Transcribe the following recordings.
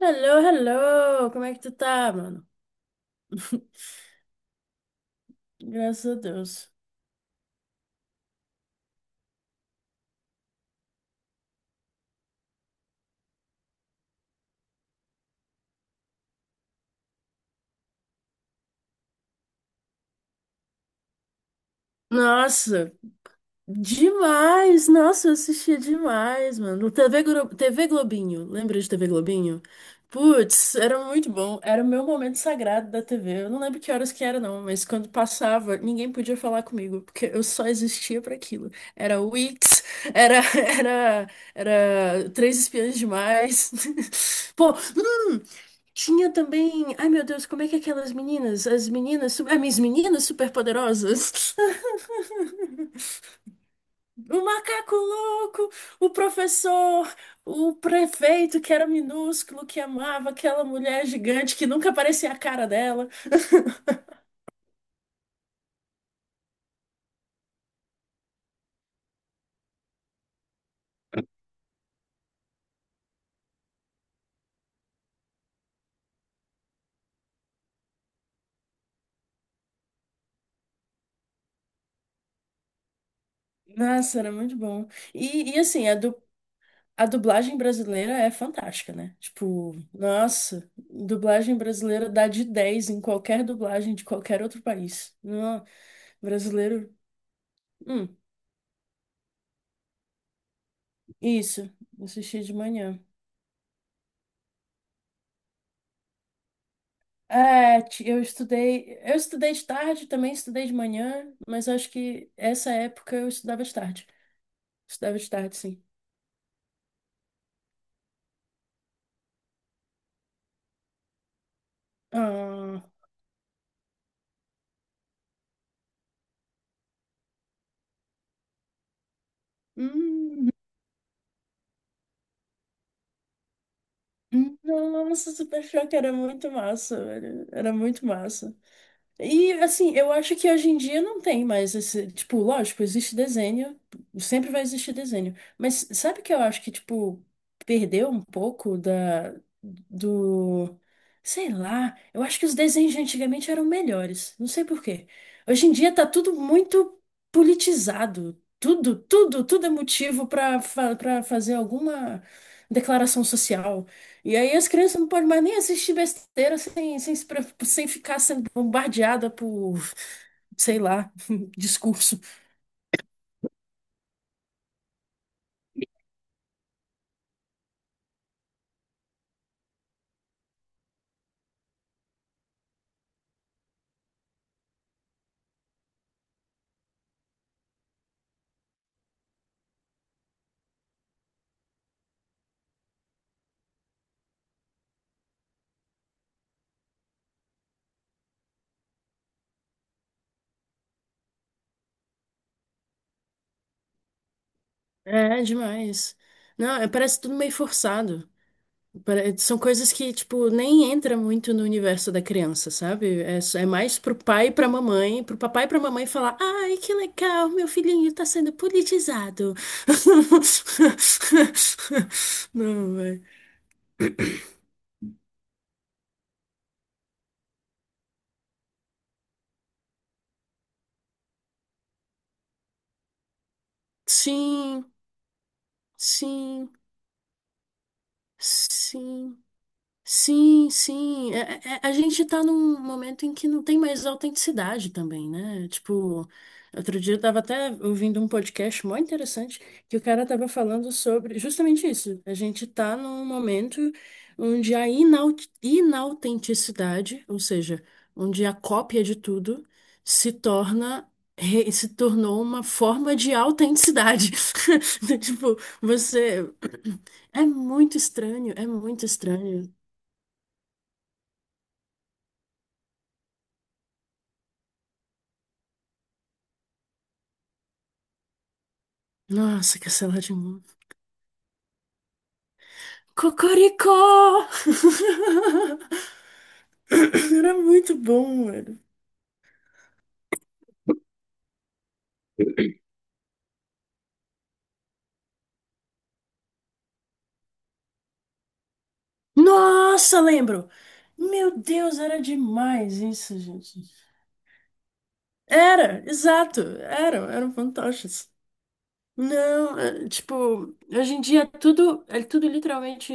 Hello, hello! Como é que tu tá, mano? Graças a Deus. Nossa, demais! Nossa, eu assistia demais, mano. TV, TV Globinho, lembra de TV Globinho? Putz, era muito bom. Era o meu momento sagrado da TV. Eu não lembro que horas que era, não, mas quando passava, ninguém podia falar comigo, porque eu só existia para aquilo. Era Wix, era Três Espiãs Demais. Pô, tinha também. Ai, meu Deus, como é que é aquelas meninas? Ah, minhas meninas superpoderosas. O macaco louco, o professor, o prefeito que era minúsculo, que amava aquela mulher gigante que nunca aparecia a cara dela. Nossa, era muito bom. E assim, a dublagem brasileira é fantástica, né? Tipo, nossa, dublagem brasileira dá de 10 em qualquer dublagem de qualquer outro país. Não, brasileiro. Hum. Isso, assisti de manhã. Eu estudei de tarde, também estudei de manhã, mas acho que essa época eu estudava de tarde. Estudava de tarde, sim. Ah, hum, nossa, Super Choque era muito massa, velho. Era muito massa. E assim, eu acho que hoje em dia não tem mais esse, tipo, lógico, existe desenho, sempre vai existir desenho. Mas sabe o que eu acho que, tipo, perdeu um pouco do, sei lá, eu acho que os desenhos de antigamente eram melhores, não sei por quê. Hoje em dia tá tudo muito politizado, tudo, tudo, tudo é motivo pra fazer alguma declaração social. E aí as crianças não podem mais nem assistir besteira sem, sem, se preocup- sem ficar sendo bombardeada por, sei lá, discurso. É demais. Não, parece tudo meio forçado. São coisas que, tipo, nem entra muito no universo da criança, sabe? É, é mais pro pai e pra mamãe, pro papai e pra mamãe falar, ai, que legal, meu filhinho tá sendo politizado. Não, velho. Sim, sim, sim. Sim, sim. É, a gente tá num momento em que não tem mais autenticidade também, né? Tipo, outro dia eu tava até ouvindo um podcast muito interessante que o cara tava falando sobre justamente isso. A gente tá num momento onde a inautenticidade, ou seja, onde a cópia de tudo se torna re- se tornou uma forma de autenticidade. Tipo, você é muito estranho, é muito estranho. Nossa, cancelar de novo. Cocoricó! Era muito bom, mano. Nossa, lembro! Meu Deus, era demais isso, gente. Era, exato, eram fantoches. Não, é, tipo, hoje em dia é tudo literalmente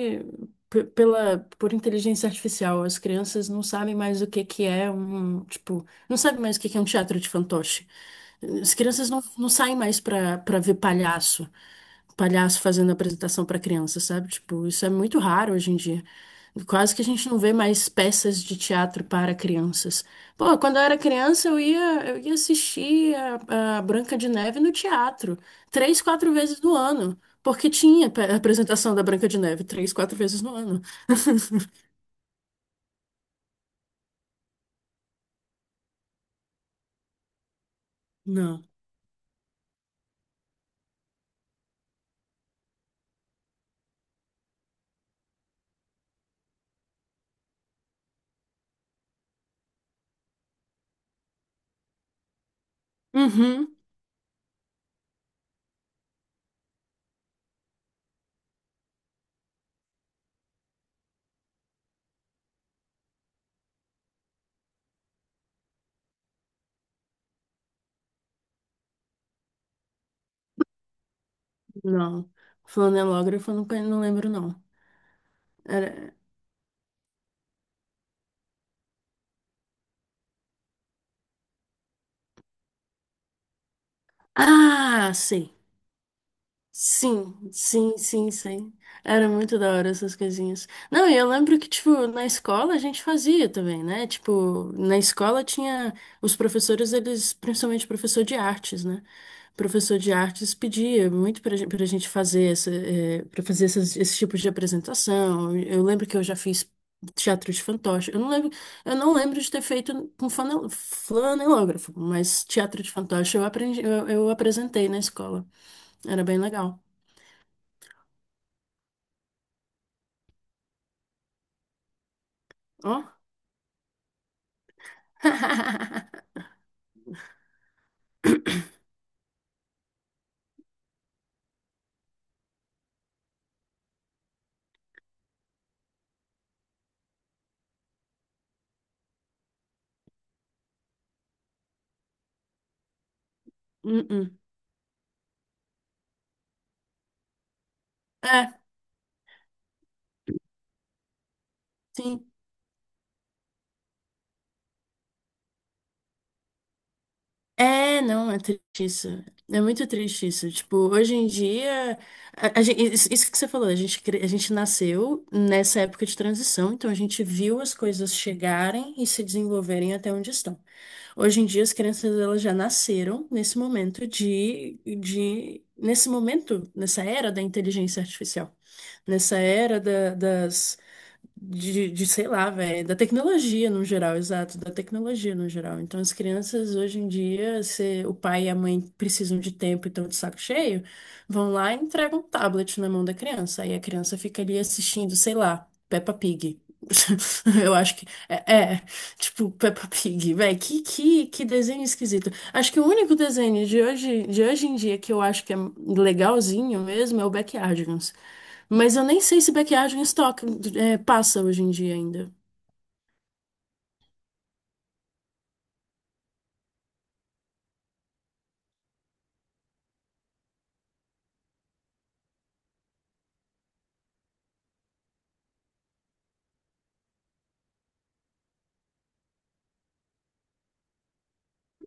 p- pela por inteligência artificial. As crianças não sabem mais o que que é um, tipo, não sabem mais o que que é um teatro de fantoche. As crianças não saem mais pra para ver palhaço, palhaço fazendo apresentação pra criança, sabe? Tipo, isso é muito raro hoje em dia. Quase que a gente não vê mais peças de teatro para crianças. Pô, quando eu era criança, eu ia assistir a Branca de Neve no teatro três, quatro vezes no ano, porque tinha apresentação da Branca de Neve três, quatro vezes no ano. Não. Uhum, não. Flanelógrafo, eu não, conhe- não lembro, não. Era. Ah, sei. Sim, sim, sim, sim. Era muito da hora essas coisinhas. Não, e eu lembro que, tipo, na escola a gente fazia também, né? Tipo, na escola tinha os professores, eles, principalmente professor de artes, né? Professor de artes pedia muito pra gente fazer essa, eh, pra fazer essas, esse tipo de apresentação. Eu lembro que eu já fiz teatro de fantoche. Eu não lembro de ter feito com flanelógrafo, mas teatro de fantoche eu aprendi, eu apresentei na escola. Era bem legal. Ó. Hum. É, sim. É, não, é triste isso. É muito triste isso. Tipo, hoje em dia, isso que você falou, a gente nasceu nessa época de transição, então a gente viu as coisas chegarem e se desenvolverem até onde estão. Hoje em dia, as crianças elas já nasceram nesse momento nessa era da inteligência artificial, nessa era da- das de, sei lá, velho, da tecnologia no geral, exato, da tecnologia no geral. Então, as crianças hoje em dia, se o pai e a mãe precisam de tempo e estão de saco cheio, vão lá e entregam um tablet na mão da criança. Aí a criança fica ali assistindo, sei lá, Peppa Pig. Eu acho que tipo Peppa Pig, velho, que desenho esquisito. Acho que o único desenho de hoje em dia que eu acho que é legalzinho mesmo é o Backyardigans. Mas eu nem sei se maquiagem em estoque passa hoje em dia ainda.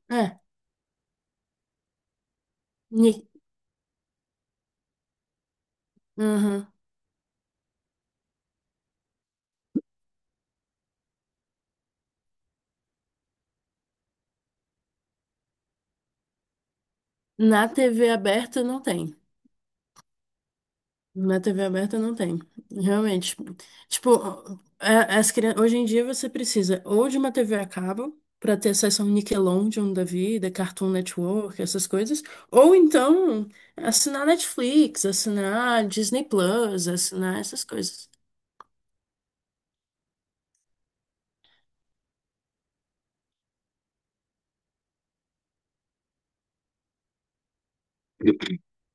É. ni- Aham. Na TV aberta não tem. Na TV aberta não tem. Realmente. Tipo, as crianças, hoje em dia você precisa ou de uma TV a cabo para ter acesso ao Nickelodeon da vida, Cartoon Network, essas coisas, ou então assinar Netflix, assinar Disney Plus, assinar essas coisas.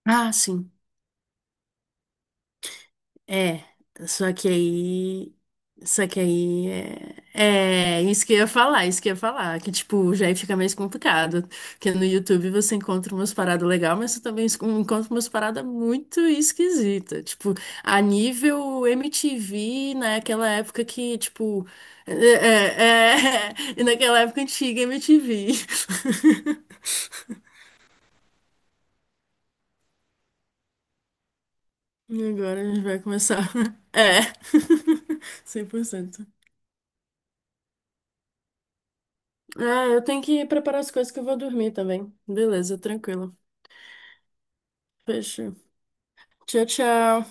Ah, sim. É, só que aí. Só que aí é isso que eu ia falar, que tipo, já aí fica mais complicado, porque no YouTube você encontra umas paradas legais, mas você também encontra umas paradas muito esquisitas, tipo, a nível MTV, naquela época que, tipo, é, é, é, e naquela época antiga MTV. E agora a gente vai começar. É, 100%. Ah, eu tenho que preparar as coisas que eu vou dormir também. Beleza, tranquilo. Fechou. Tchau, tchau.